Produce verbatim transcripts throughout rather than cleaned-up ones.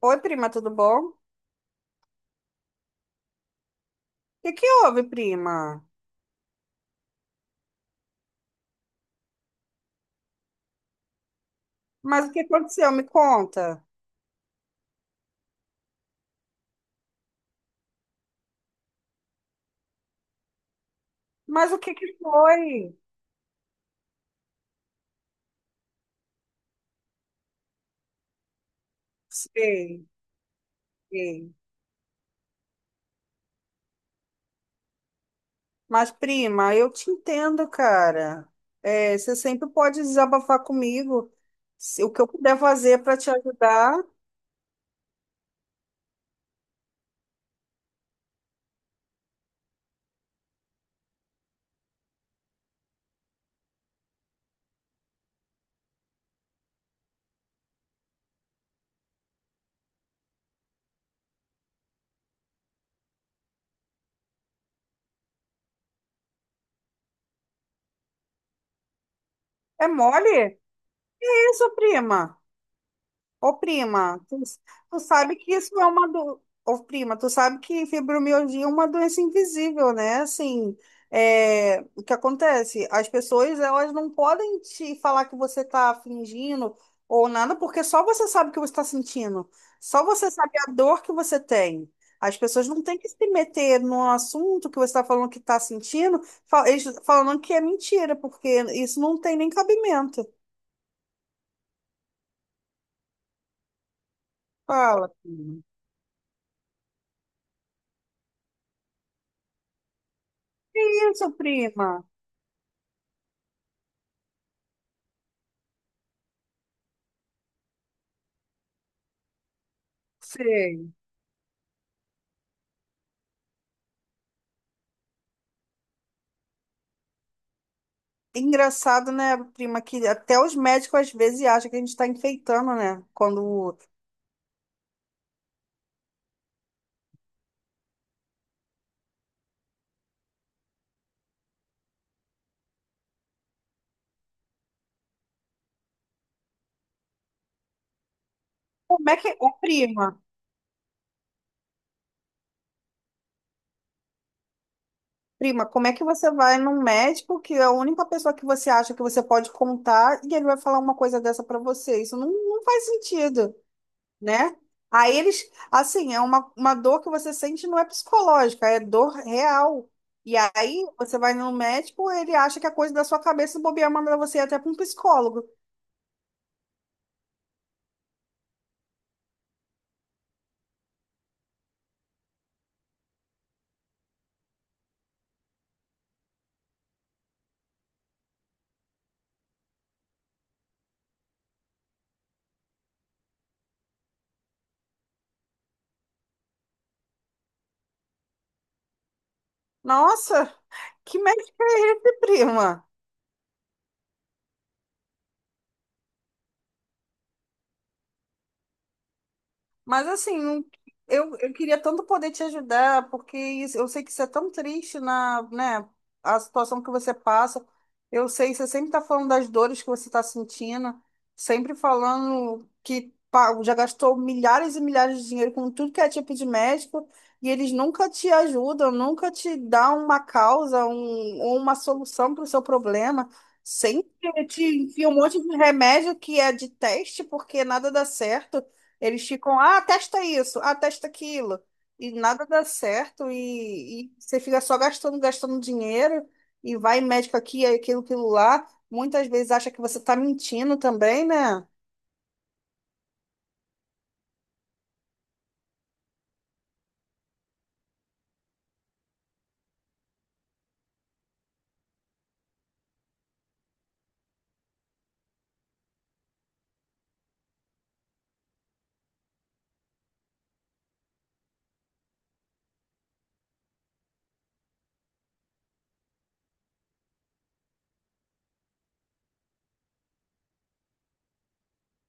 Oi, prima, tudo bom? O que que houve, prima? Mas o que aconteceu? Me conta. Mas o que que foi? Sei, sei. Mas, prima, eu te entendo, cara. É, você sempre pode desabafar comigo. Se- O que eu puder fazer para te ajudar é mole? Que isso, prima? Ô, prima, tu, tu sabe que isso é uma do... Ô, prima, tu sabe que fibromialgia é uma doença invisível, né? Assim, é, o que acontece? As pessoas, elas não podem te falar que você tá fingindo ou nada, porque só você sabe o que você está sentindo. Só você sabe a dor que você tem. As pessoas não têm que se meter no assunto que você está falando que está sentindo, fal- eles falando que é mentira, porque isso não tem nem cabimento. Fala, prima. Que isso, prima? Sei. Engraçado, né, prima, que até os médicos às vezes acham que a gente está enfeitando, né? Quando. Como é que. Ô, prima, prima, como é que você vai num médico que é a única pessoa que você acha que você pode contar e ele vai falar uma coisa dessa pra você? Isso não, não faz sentido, né? Aí eles, assim, é uma, uma dor que você sente não é psicológica, é dor real. E aí você vai no médico, ele acha que é coisa da sua cabeça e bobear manda você ir até para um psicólogo. Nossa! Que médico é esse, prima? Mas assim, não- eu, eu queria tanto poder te ajudar, porque isso- eu sei que isso é tão triste na, né, a situação que você passa. Eu sei, você sempre está falando das dores que você está sentindo, sempre falando que pá, já gastou milhares e milhares de dinheiro com tudo que é tipo de médico, e eles nunca te ajudam, nunca te dão uma causa, um, ou uma solução para o seu problema. Sempre te enfia um monte de remédio que é de teste, porque nada dá certo. Eles ficam, ah, testa isso, ah, testa aquilo. E nada dá certo, e, e você fica só gastando, gastando dinheiro, e vai médico aqui, aí aquilo, aquilo lá. Muitas vezes acha que você está mentindo também, né?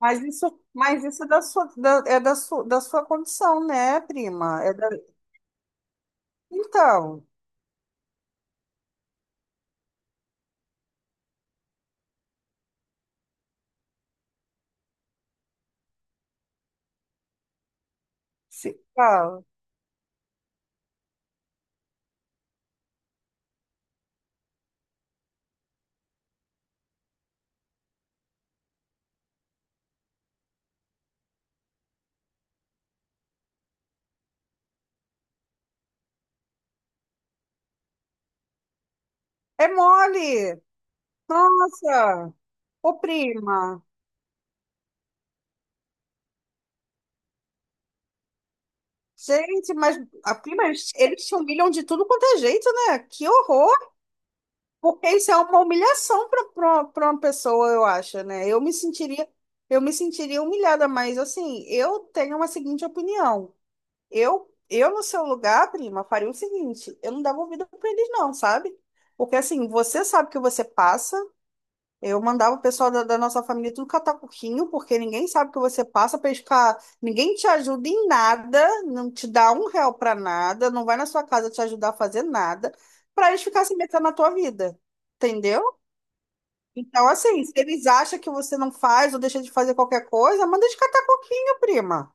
Mas isso, mas isso é da sua, da, é da sua, da sua condição, né, prima? É da... Então, se fala. É mole! Nossa! Ô, prima! Gente, mas a prima, eles eles te humilham de tudo quanto é jeito, né? Que horror! Porque isso é uma humilhação para uma pessoa, eu acho, né? Eu me sentiria, eu me sentiria humilhada, mas assim, eu tenho uma seguinte opinião. Eu, eu no seu lugar, prima, faria o seguinte, eu não dava ouvido para eles não, sabe? Porque assim, você sabe o que você passa, eu mandava o pessoal da, da nossa família tudo catar coquinho, porque ninguém sabe o que você passa para ficar. Ninguém te ajuda em nada, não te dá um real para nada, não vai na sua casa te ajudar a fazer nada, para eles ficarem se metendo na tua vida. Entendeu? Então, assim, se eles acham que você não faz ou deixa de fazer qualquer coisa, manda eles catar coquinho, prima.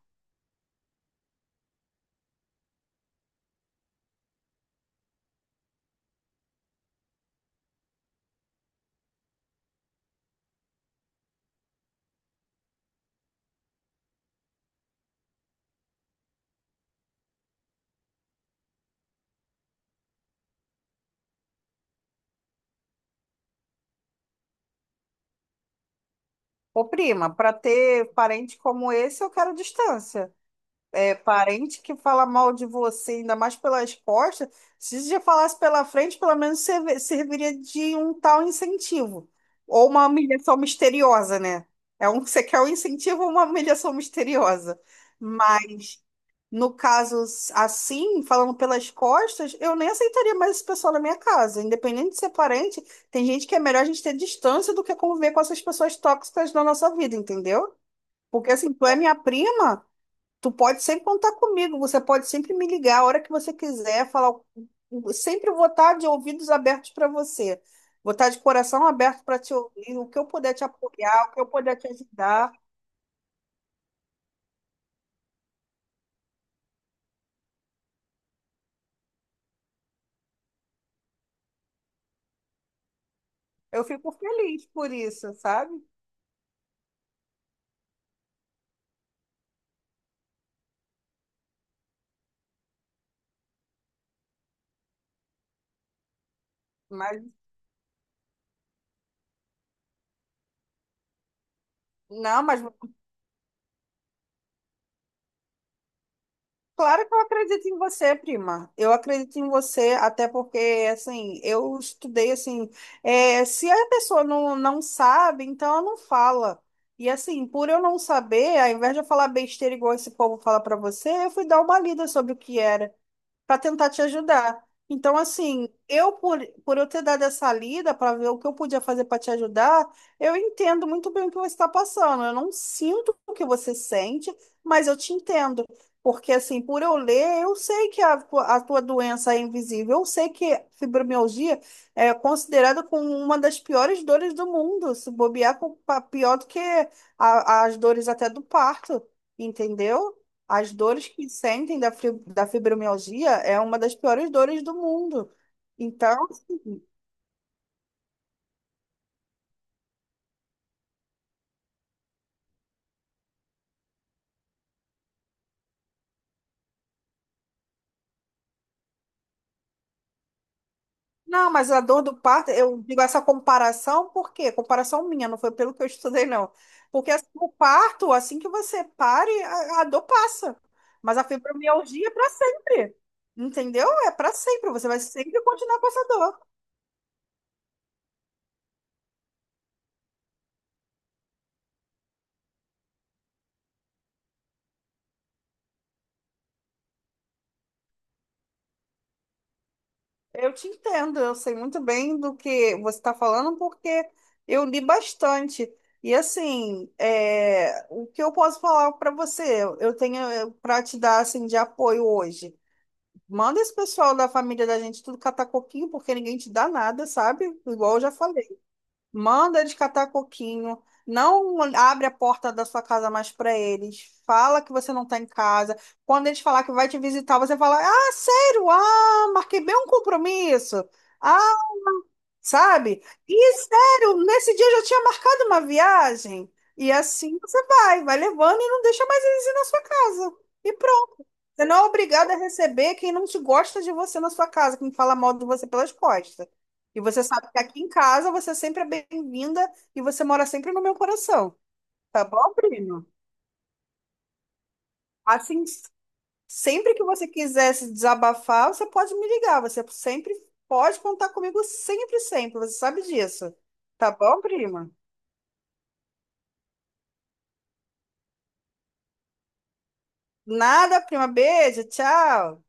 Ô, prima, para ter parente como esse, eu quero distância. Parente que fala mal de você, ainda mais pelas costas, se você já falasse pela frente, pelo menos serve- serviria de um tal incentivo. Ou uma humilhação misteriosa, né? É um, você quer um incentivo ou uma humilhação misteriosa. Mas, no caso assim, falando pelas costas, eu nem aceitaria mais esse pessoal na minha casa. Independente de ser parente, tem gente que é melhor a gente ter distância do que conviver com essas pessoas tóxicas na nossa vida, entendeu? Porque assim, tu é minha prima. Tu pode sempre contar comigo, você pode sempre me ligar a hora que você quiser, falar. o- Sempre vou estar de ouvidos abertos para você. Vou estar de coração aberto para te ouvir, o que eu puder te apoiar, o que eu puder te ajudar. Eu fico feliz por isso, sabe? Mas não, mas claro que eu acredito em você, prima. Eu acredito em você, até porque, assim, eu estudei, assim, é, se a pessoa não, não sabe, então ela não fala. E, assim, por eu não saber, ao invés de eu falar besteira igual esse povo fala pra você, eu fui dar uma lida sobre o que era para tentar te ajudar. Então, assim, eu por, por eu ter dado essa lida para ver o que eu podia fazer para te ajudar, eu entendo muito bem o que você está passando. Eu não sinto o que você sente, mas eu te entendo. Porque, assim, por eu ler, eu sei que a, tua- a tua doença é invisível. Eu sei que fibromialgia é considerada como uma das piores dores do mundo. Se bobear, com- pa- pior do que a- as dores até do parto, entendeu? As dores que sentem da fri- da fibromialgia é uma das piores dores do mundo. Então, não, mas a dor do parto, eu digo essa comparação, por quê? Comparação minha, não foi pelo que eu estudei, não. Porque assim, o parto, assim que você pare, a, a dor passa. Mas a fibromialgia é para sempre. Entendeu? É para sempre. Você vai sempre continuar com essa dor. Eu te entendo, eu sei muito bem do que você está falando, porque eu li bastante. E assim, é, o que eu posso falar para você? Eu tenho para te dar assim, de apoio hoje. Manda esse pessoal da família da gente tudo catar coquinho, porque ninguém te dá nada, sabe? Igual eu já falei. Manda eles catar coquinho. Não abre a porta da sua casa mais para eles. Fala que você não tá em casa. Quando eles falar que vai te visitar, você fala: Ah, sério? Ah, marquei bem um compromisso. Ah, sabe? E sério, nesse dia eu já tinha marcado uma viagem. E assim você vai, vai levando e não deixa mais eles ir na sua casa. E pronto. Você não é obrigado a receber quem não te gosta de você na sua casa, quem fala mal de você pelas costas. E você sabe que aqui em casa você sempre é bem-vinda e você mora sempre no meu coração. Tá bom, primo? Assim, sempre que você quiser se desabafar, você pode me ligar. Você sempre pode contar comigo, sempre, sempre. Você sabe disso. Tá bom, prima? Nada, prima. Beijo, tchau.